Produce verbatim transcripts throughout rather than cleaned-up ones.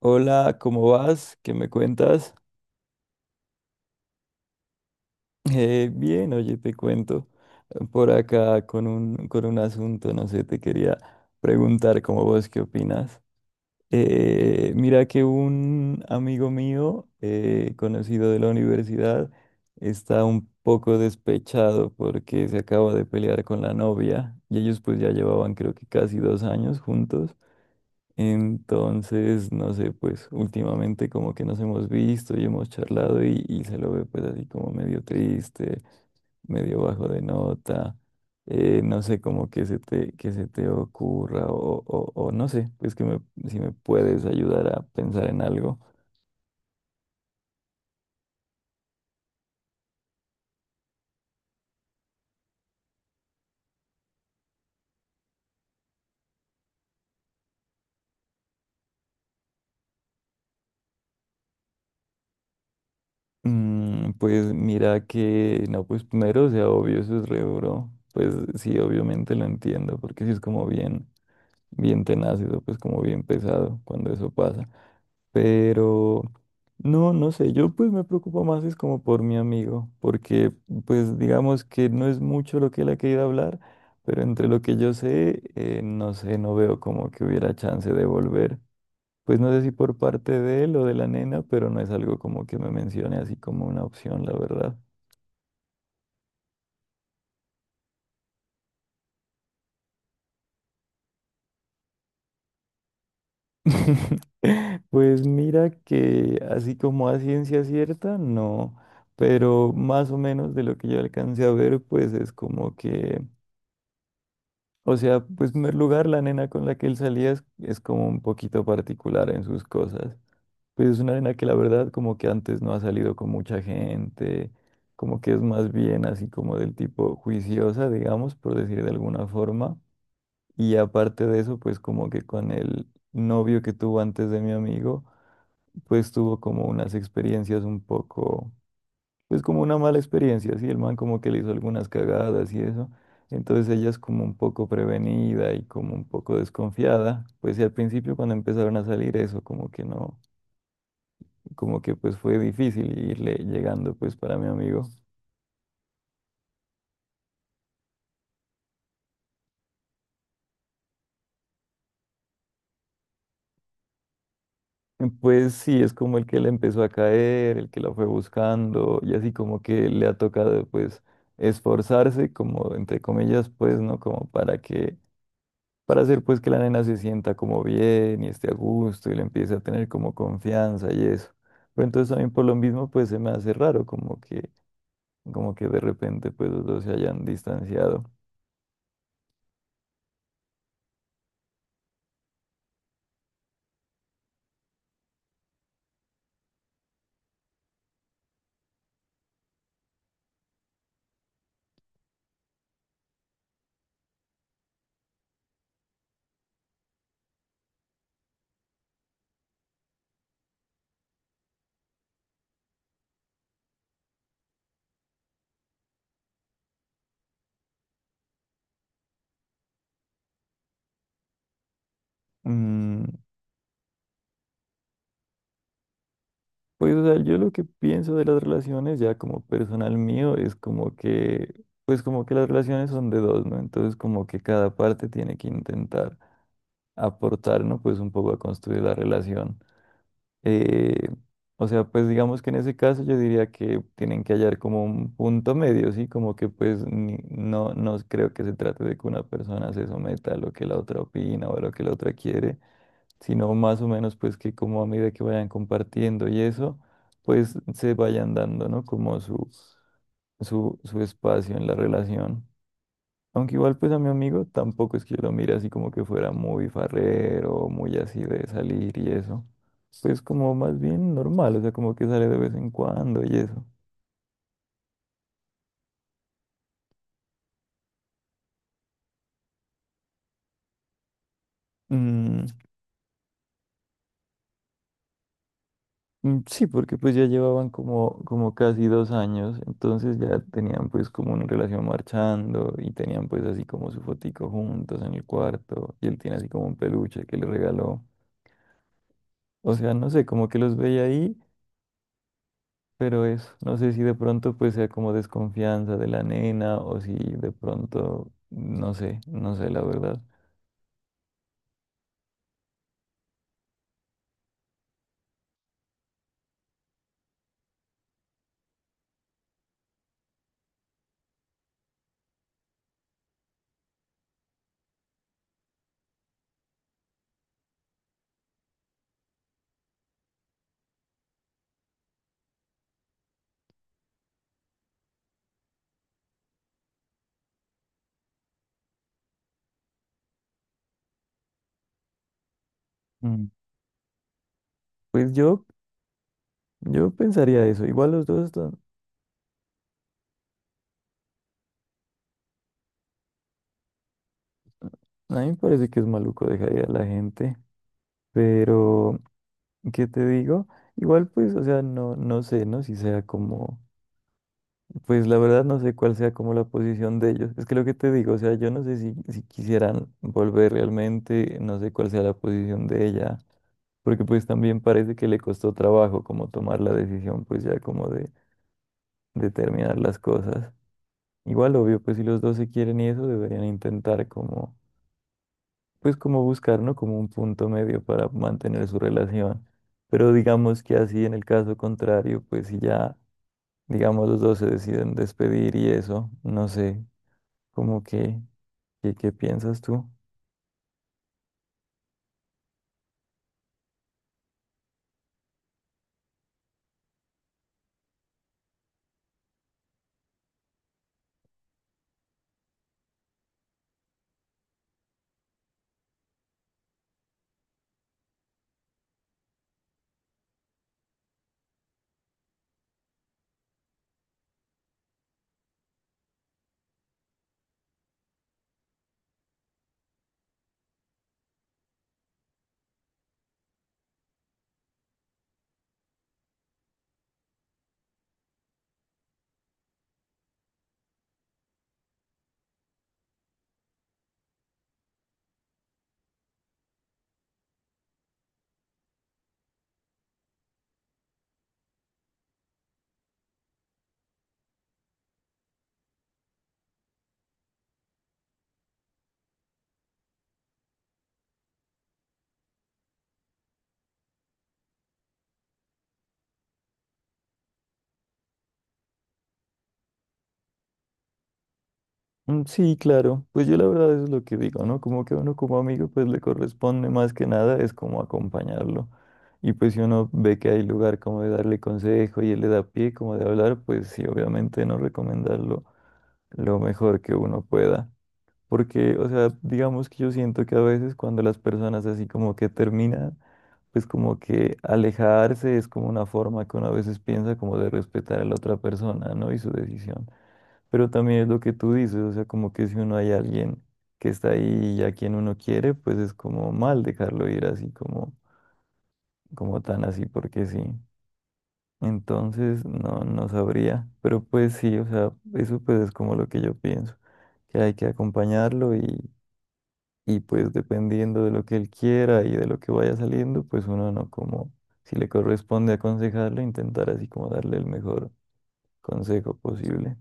Hola, ¿cómo vas? ¿Qué me cuentas? Eh, bien, oye, te cuento eh, por acá con un, con un asunto, no sé, te quería preguntar como vos qué opinas. Eh, mira que un amigo mío, eh, conocido de la universidad, está un poco despechado porque se acaba de pelear con la novia y ellos pues ya llevaban creo que casi dos años juntos. Entonces, no sé, pues últimamente como que nos hemos visto y hemos charlado y, y se lo ve pues así como medio triste, medio bajo de nota. Eh, no sé como que se te, que se te ocurra o, o- o no sé, pues que me, si me puedes ayudar a pensar en algo. Mm, pues mira que, no, pues primero, o sea, obvio, eso es re duro. Pues sí, obviamente lo entiendo, porque sí es como bien, bien tenaz, eso pues como bien pesado cuando eso pasa. Pero no, no sé, yo pues me preocupo más es como por mi amigo, porque pues digamos que no es mucho lo que él ha querido hablar, pero entre lo que yo sé, eh, no sé, no veo como que hubiera chance de volver. Pues no sé si por parte de él o de la nena, pero no es algo como que me mencione así como una opción, la verdad. Pues mira que así como a ciencia cierta, no, pero más o menos de lo que yo alcancé a ver, pues es como que. O sea, pues en primer lugar, la nena con la que él salía es, es como un poquito particular en sus cosas. Pues es una nena que la verdad como que antes no ha salido con mucha gente, como que es más bien así como del tipo juiciosa, digamos, por decir de alguna forma. Y aparte de eso, pues como que con el novio que tuvo antes de mi amigo, pues tuvo como unas experiencias un poco pues como una mala experiencia, sí el man como que le hizo algunas cagadas y eso. Entonces ella es como un poco prevenida y como un poco desconfiada, pues y al principio cuando empezaron a salir eso, como que no, como que pues fue difícil irle llegando pues para mi amigo. Pues sí, es como el que le empezó a caer, el que la fue buscando y así como que le ha tocado pues esforzarse como entre comillas pues, ¿no? Como para que para hacer pues que la nena se sienta como bien y esté a gusto y le empiece a tener como confianza y eso. Pero entonces también por lo mismo pues se me hace raro como que, como que de repente pues los dos se hayan distanciado. Mm, pues o sea, yo lo que pienso de las relaciones ya como personal mío es como que, pues como que las relaciones son de dos, ¿no? Entonces como que cada parte tiene que intentar aportar, ¿no? Pues un poco a construir la relación. Eh, o sea, pues digamos que en ese caso yo diría que tienen que hallar como un punto medio, ¿sí? Como que pues ni- no, no creo que se trate de que una persona se someta a lo que la otra opina o a lo que la otra quiere, sino más o menos pues que como a medida que vayan compartiendo y eso, pues se vayan dando, ¿no? Como su, su, su espacio en la relación. Aunque igual pues a mi amigo tampoco es que yo lo mire así como que fuera muy farrero, muy así de salir y eso. Pues como más bien normal, o sea, como que sale de vez en cuando y eso. Mm, mm, sí, porque pues ya llevaban como, como casi dos años, entonces ya tenían pues como una relación marchando y tenían pues así como su fotico juntos en el cuarto y él tiene así como un peluche que le regaló. O sea, no sé, como que los veía ahí. Pero eso, no sé si de pronto pues sea como desconfianza de la nena o si de pronto, no sé, no sé la verdad. Mm. Pues yo, yo pensaría eso. Igual los dos están, a mí me parece que es maluco dejaría a la gente, pero ¿qué te digo? Igual pues, o sea, no, no sé, ¿no? Si sea como. Pues la verdad no sé cuál sea como la posición de ellos. Es que lo que te digo, o sea, yo no sé si, si quisieran volver realmente, no sé cuál sea la posición de ella, porque pues también parece que le costó trabajo como tomar la decisión, pues ya como de, de terminar las cosas. Igual, obvio, pues si los dos se quieren y eso, deberían intentar como, pues como buscar, ¿no? Como un punto medio para mantener su relación. Pero digamos que así en el caso contrario, pues si ya, digamos, los dos se deciden despedir y eso, no sé, como que, qué ¿qué piensas tú? Mm, Sí, claro, pues yo la verdad eso es lo que digo, ¿no? Como que uno como amigo pues le corresponde más que nada es como acompañarlo. Y pues si uno ve que hay lugar como de darle consejo y él le da pie como de hablar, pues sí, obviamente no recomendarlo lo mejor que uno pueda. Porque, o sea, digamos que yo siento que a veces cuando las personas así como que terminan, pues como que alejarse es como una forma que uno a veces piensa como de respetar a la otra persona, ¿no? Y su decisión. Pero también es lo que tú dices, o sea, como que si uno hay alguien que está ahí y a quien uno quiere, pues es como mal dejarlo ir así como, como tan así porque sí. Entonces, no, no sabría. Pero pues sí, o sea, eso pues es como lo que yo pienso, que hay que acompañarlo y y pues dependiendo de lo que él quiera y de lo que vaya saliendo, pues uno no como, si le corresponde aconsejarlo, intentar así como darle el mejor consejo posible.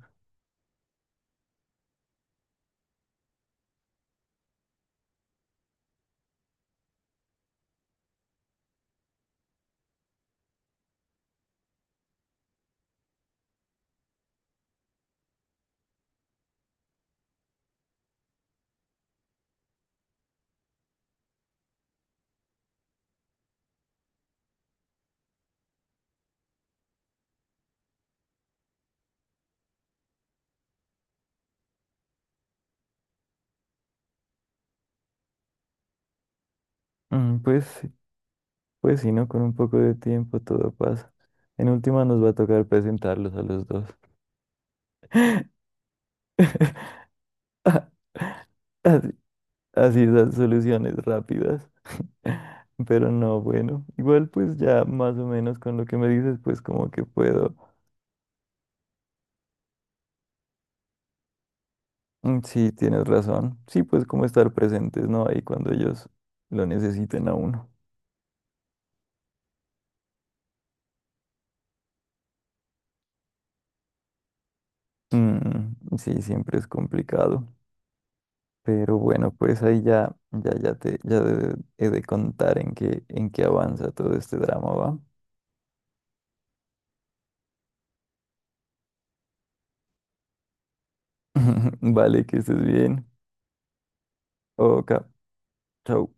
Mm, Pues, sí, pues sí no, con un poco de tiempo todo pasa. En última nos va a tocar presentarlos a los dos. Ah, así, así esas soluciones rápidas. Pero no, bueno, igual pues ya más o menos con lo que me dices, pues como que puedo. Mm, Sí, tienes razón. Sí, pues como estar presentes, ¿no? Ahí cuando ellos lo necesiten a uno. Mm, sí, siempre es complicado. Pero bueno, pues ahí ya, ya, ya te, ya de- he de contar en qué, en qué avanza todo este drama, ¿va? Vale, que estés bien. Oka, chau.